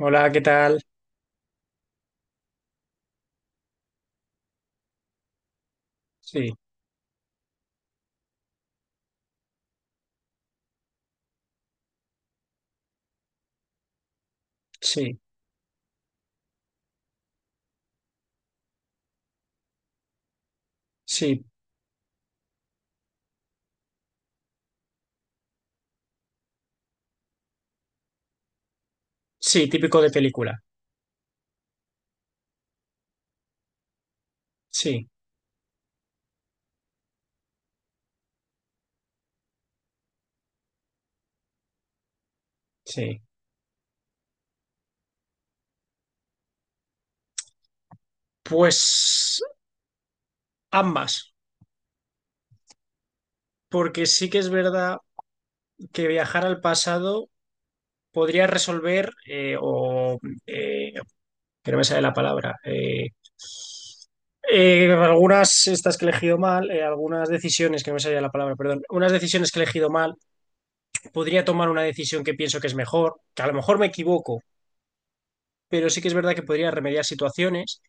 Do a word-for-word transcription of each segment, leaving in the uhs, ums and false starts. Hola, ¿qué tal? Sí, sí, sí, sí, típico de película. Sí, sí. Pues ambas, porque sí que es verdad que viajar al pasado podría resolver eh, o eh, que no me sale la palabra. Eh, eh, algunas, estas que he elegido mal, eh, algunas decisiones, que no me salía la palabra, perdón, unas decisiones que he elegido mal, podría tomar una decisión que pienso que es mejor, que a lo mejor me equivoco, pero sí que es verdad que podría remediar situaciones.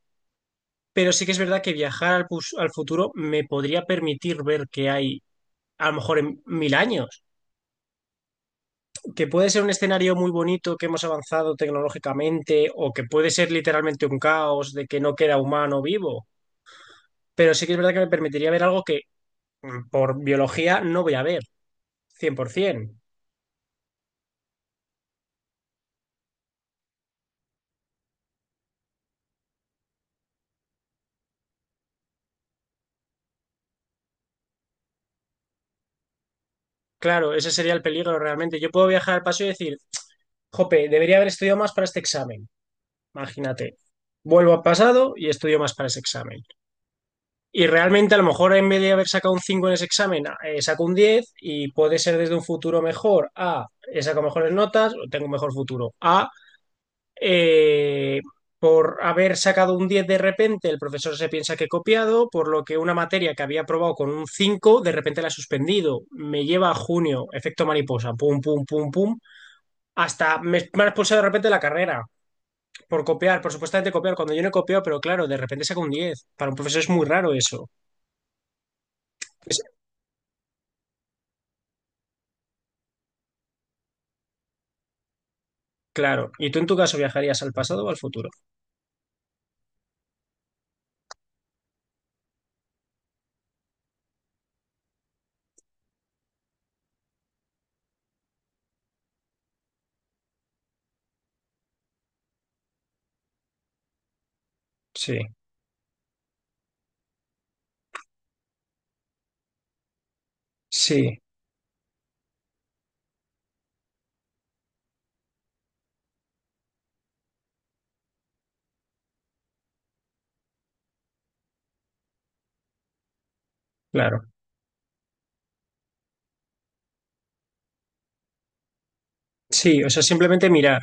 Pero sí que es verdad que viajar al, pus- al futuro me podría permitir ver qué hay a lo mejor en mil años, que puede ser un escenario muy bonito, que hemos avanzado tecnológicamente, o que puede ser literalmente un caos de que no queda humano vivo. Pero sí que es verdad que me permitiría ver algo que mm, por biología no voy a ver, cien por ciento. Claro, ese sería el peligro realmente. Yo puedo viajar al pasado y decir, jope, debería haber estudiado más para este examen. Imagínate, vuelvo al pasado y estudio más para ese examen. Y realmente a lo mejor en vez de haber sacado un cinco en ese examen, eh, saco un diez y puede ser desde un futuro mejor a he sacado mejores notas, o tengo un mejor futuro, a eh, por haber sacado un diez de repente el profesor se piensa que he copiado, por lo que una materia que había aprobado con un cinco de repente la he suspendido, me lleva a junio, efecto mariposa, pum, pum, pum, pum, hasta me, me han expulsado de repente de la carrera por copiar, por supuestamente copiar, cuando yo no he copiado, pero claro, de repente saco un diez. Para un profesor es muy raro eso. Claro. ¿Y tú en tu caso viajarías al pasado o al futuro? Sí, sí, claro. Sí, o sea, simplemente mirar,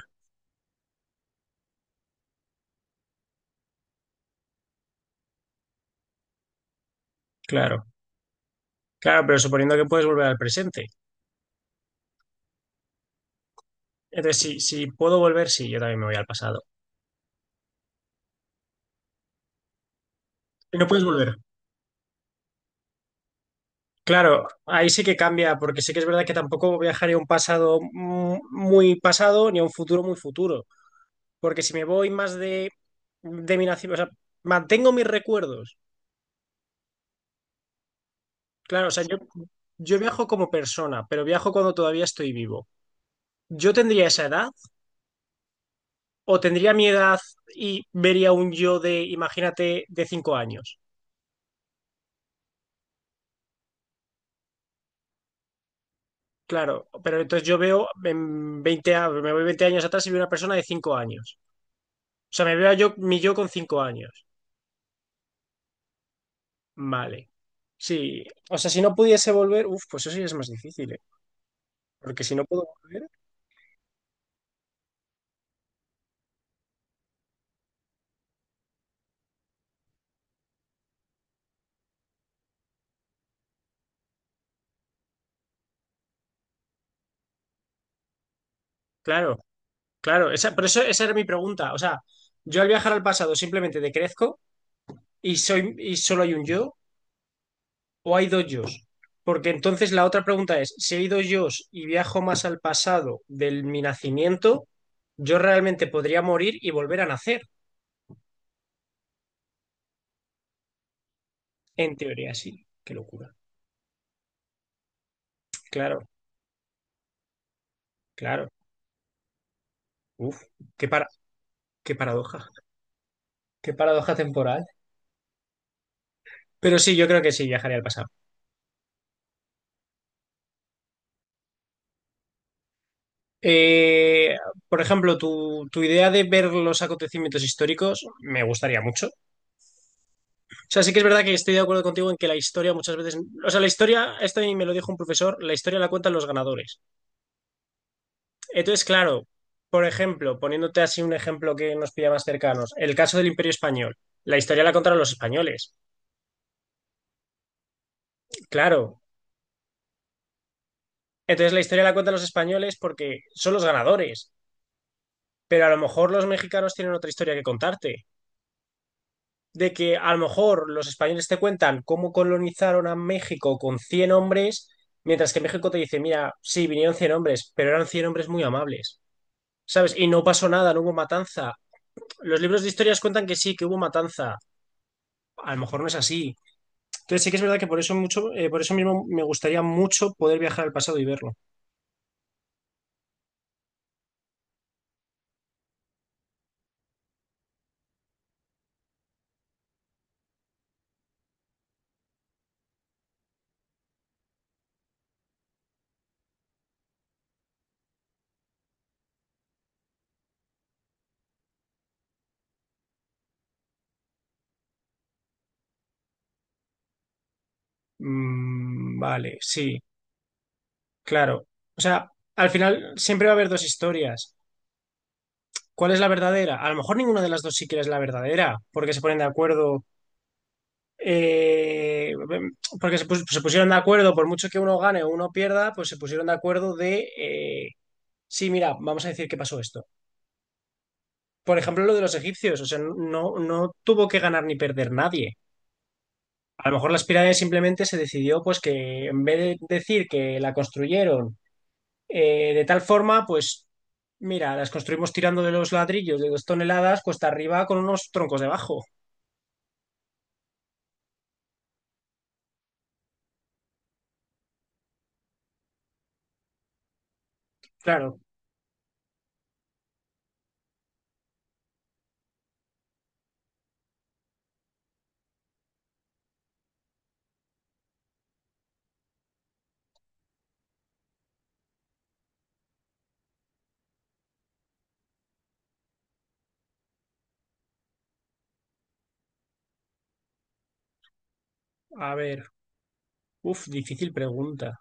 claro. Claro, pero suponiendo que puedes volver al presente. Entonces, si, si puedo volver, sí, yo también me voy al pasado. Y no puedes volver. Claro, ahí sí que cambia, porque sí que es verdad que tampoco viajaría a un pasado mu- muy pasado ni a un futuro muy futuro. Porque si me voy más de, de mi nacimiento, o sea, mantengo mis recuerdos. Claro, o sea, yo, yo viajo como persona, pero viajo cuando todavía estoy vivo. Yo tendría esa edad o tendría mi edad y vería un yo de, imagínate, de cinco años. Claro, pero entonces yo veo en veinte a- me voy veinte años atrás y veo una persona de cinco años. O sea, me veo yo, mi yo con cinco años. Vale. Sí, o sea, si no pudiese volver, uff, pues eso sí es más difícil, ¿eh? Porque si no puedo volver, claro, claro, esa, por eso esa era mi pregunta. O sea, yo al viajar al pasado simplemente decrezco y soy y solo hay un yo, ¿o hay dos yos? Porque entonces la otra pregunta es, si hay dos yos y viajo más al pasado de mi nacimiento, yo realmente podría morir y volver a nacer. En teoría, sí. Qué locura. Claro, claro. Uf, qué, para, qué paradoja. Qué paradoja temporal. Pero sí, yo creo que sí, viajaría al pasado. Eh, por ejemplo, tu, tu idea de ver los acontecimientos históricos me gustaría mucho. O sea, sí que es verdad que estoy de acuerdo contigo en que la historia muchas veces... O sea, la historia, esto a mí me lo dijo un profesor, la historia la cuentan los ganadores. Entonces, claro, por ejemplo, poniéndote así un ejemplo que nos pilla más cercanos, el caso del Imperio Español. La historia la contaron los españoles, claro. Entonces la historia la cuentan los españoles porque son los ganadores, pero a lo mejor los mexicanos tienen otra historia que contarte. De que a lo mejor los españoles te cuentan cómo colonizaron a México con cien hombres, mientras que México te dice, mira, sí, vinieron cien hombres, pero eran cien hombres muy amables, ¿sabes? Y no pasó nada, no hubo matanza. Los libros de historias cuentan que sí, que hubo matanza. A lo mejor no es así. Entonces sí que es verdad que por eso mucho, eh, por eso mismo me gustaría mucho poder viajar al pasado y verlo. Mm, vale, sí, claro. O sea, al final siempre va a haber dos historias. ¿Cuál es la verdadera? A lo mejor ninguna de las dos siquiera es la verdadera, porque se ponen de acuerdo, eh, porque se, pus- se pusieron de acuerdo, por mucho que uno gane o uno pierda, pues se pusieron de acuerdo de, eh, sí, mira, vamos a decir qué pasó esto. Por ejemplo, lo de los egipcios, o sea, no, no tuvo que ganar ni perder nadie. A lo mejor las pirámides simplemente se decidió pues que en vez de decir que la construyeron eh, de tal forma, pues mira, las construimos tirando de los ladrillos de dos toneladas cuesta arriba con unos troncos debajo. Claro, a ver, uf, difícil pregunta.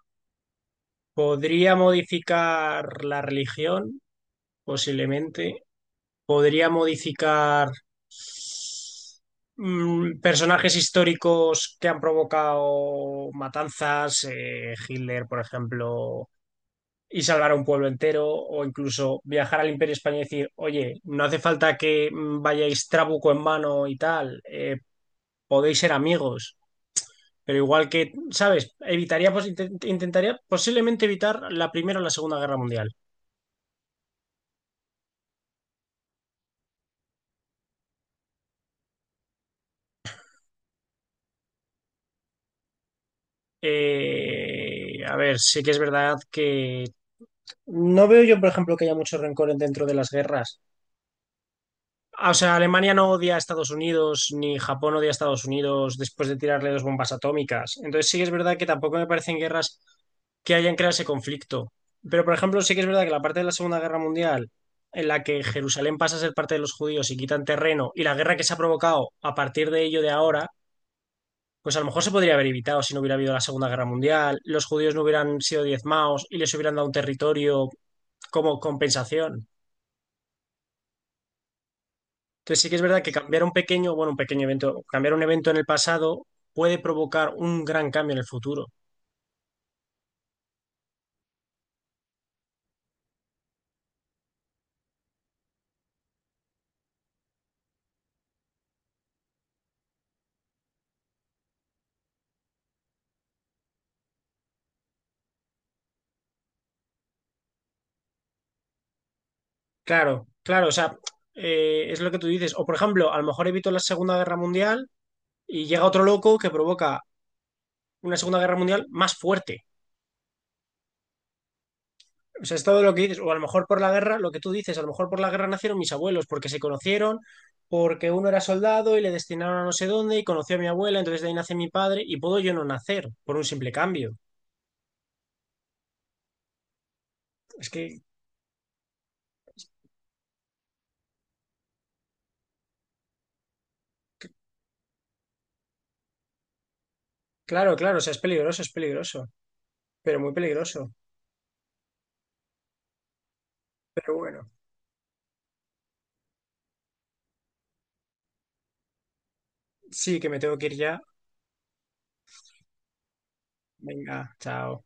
¿Podría modificar la religión? Posiblemente. ¿Podría modificar mm, personajes históricos que han provocado matanzas? Eh, Hitler, por ejemplo, y salvar a un pueblo entero, o incluso viajar al Imperio Español y decir, oye, no hace falta que mm, vayáis trabuco en mano y tal, eh, podéis ser amigos, pero igual que, ¿sabes? Evitaría, pues, intent- intentaría posiblemente evitar la Primera o la Segunda Guerra Mundial. Eh, a ver, sí que es verdad que no veo yo, por ejemplo, que haya mucho rencor dentro de las guerras. Ah, O sea, Alemania no odia a Estados Unidos, ni Japón odia a Estados Unidos después de tirarle dos bombas atómicas. Entonces sí que es verdad que tampoco me parecen guerras que hayan creado ese conflicto. Pero, por ejemplo, sí que es verdad que la parte de la Segunda Guerra Mundial, en la que Jerusalén pasa a ser parte de los judíos y quitan terreno, y la guerra que se ha provocado a partir de ello de ahora, pues a lo mejor se podría haber evitado si no hubiera habido la Segunda Guerra Mundial, los judíos no hubieran sido diezmados y les hubieran dado un territorio como compensación. Entonces sí que es verdad que cambiar un pequeño, bueno, un pequeño evento, cambiar un evento en el pasado puede provocar un gran cambio en el futuro. Claro, claro, o sea, eh, es lo que tú dices. O por ejemplo, a lo mejor evito la Segunda Guerra Mundial y llega otro loco que provoca una Segunda Guerra Mundial más fuerte. O sea, es todo lo que dices. O a lo mejor por la guerra, lo que tú dices, a lo mejor por la guerra nacieron mis abuelos porque se conocieron, porque uno era soldado y le destinaron a no sé dónde y conoció a mi abuela, entonces de ahí nace mi padre y puedo yo no nacer por un simple cambio. Es que, claro, claro, o sea, es peligroso, es peligroso, pero muy peligroso. Pero bueno, sí, que me tengo que ir ya. Venga, chao.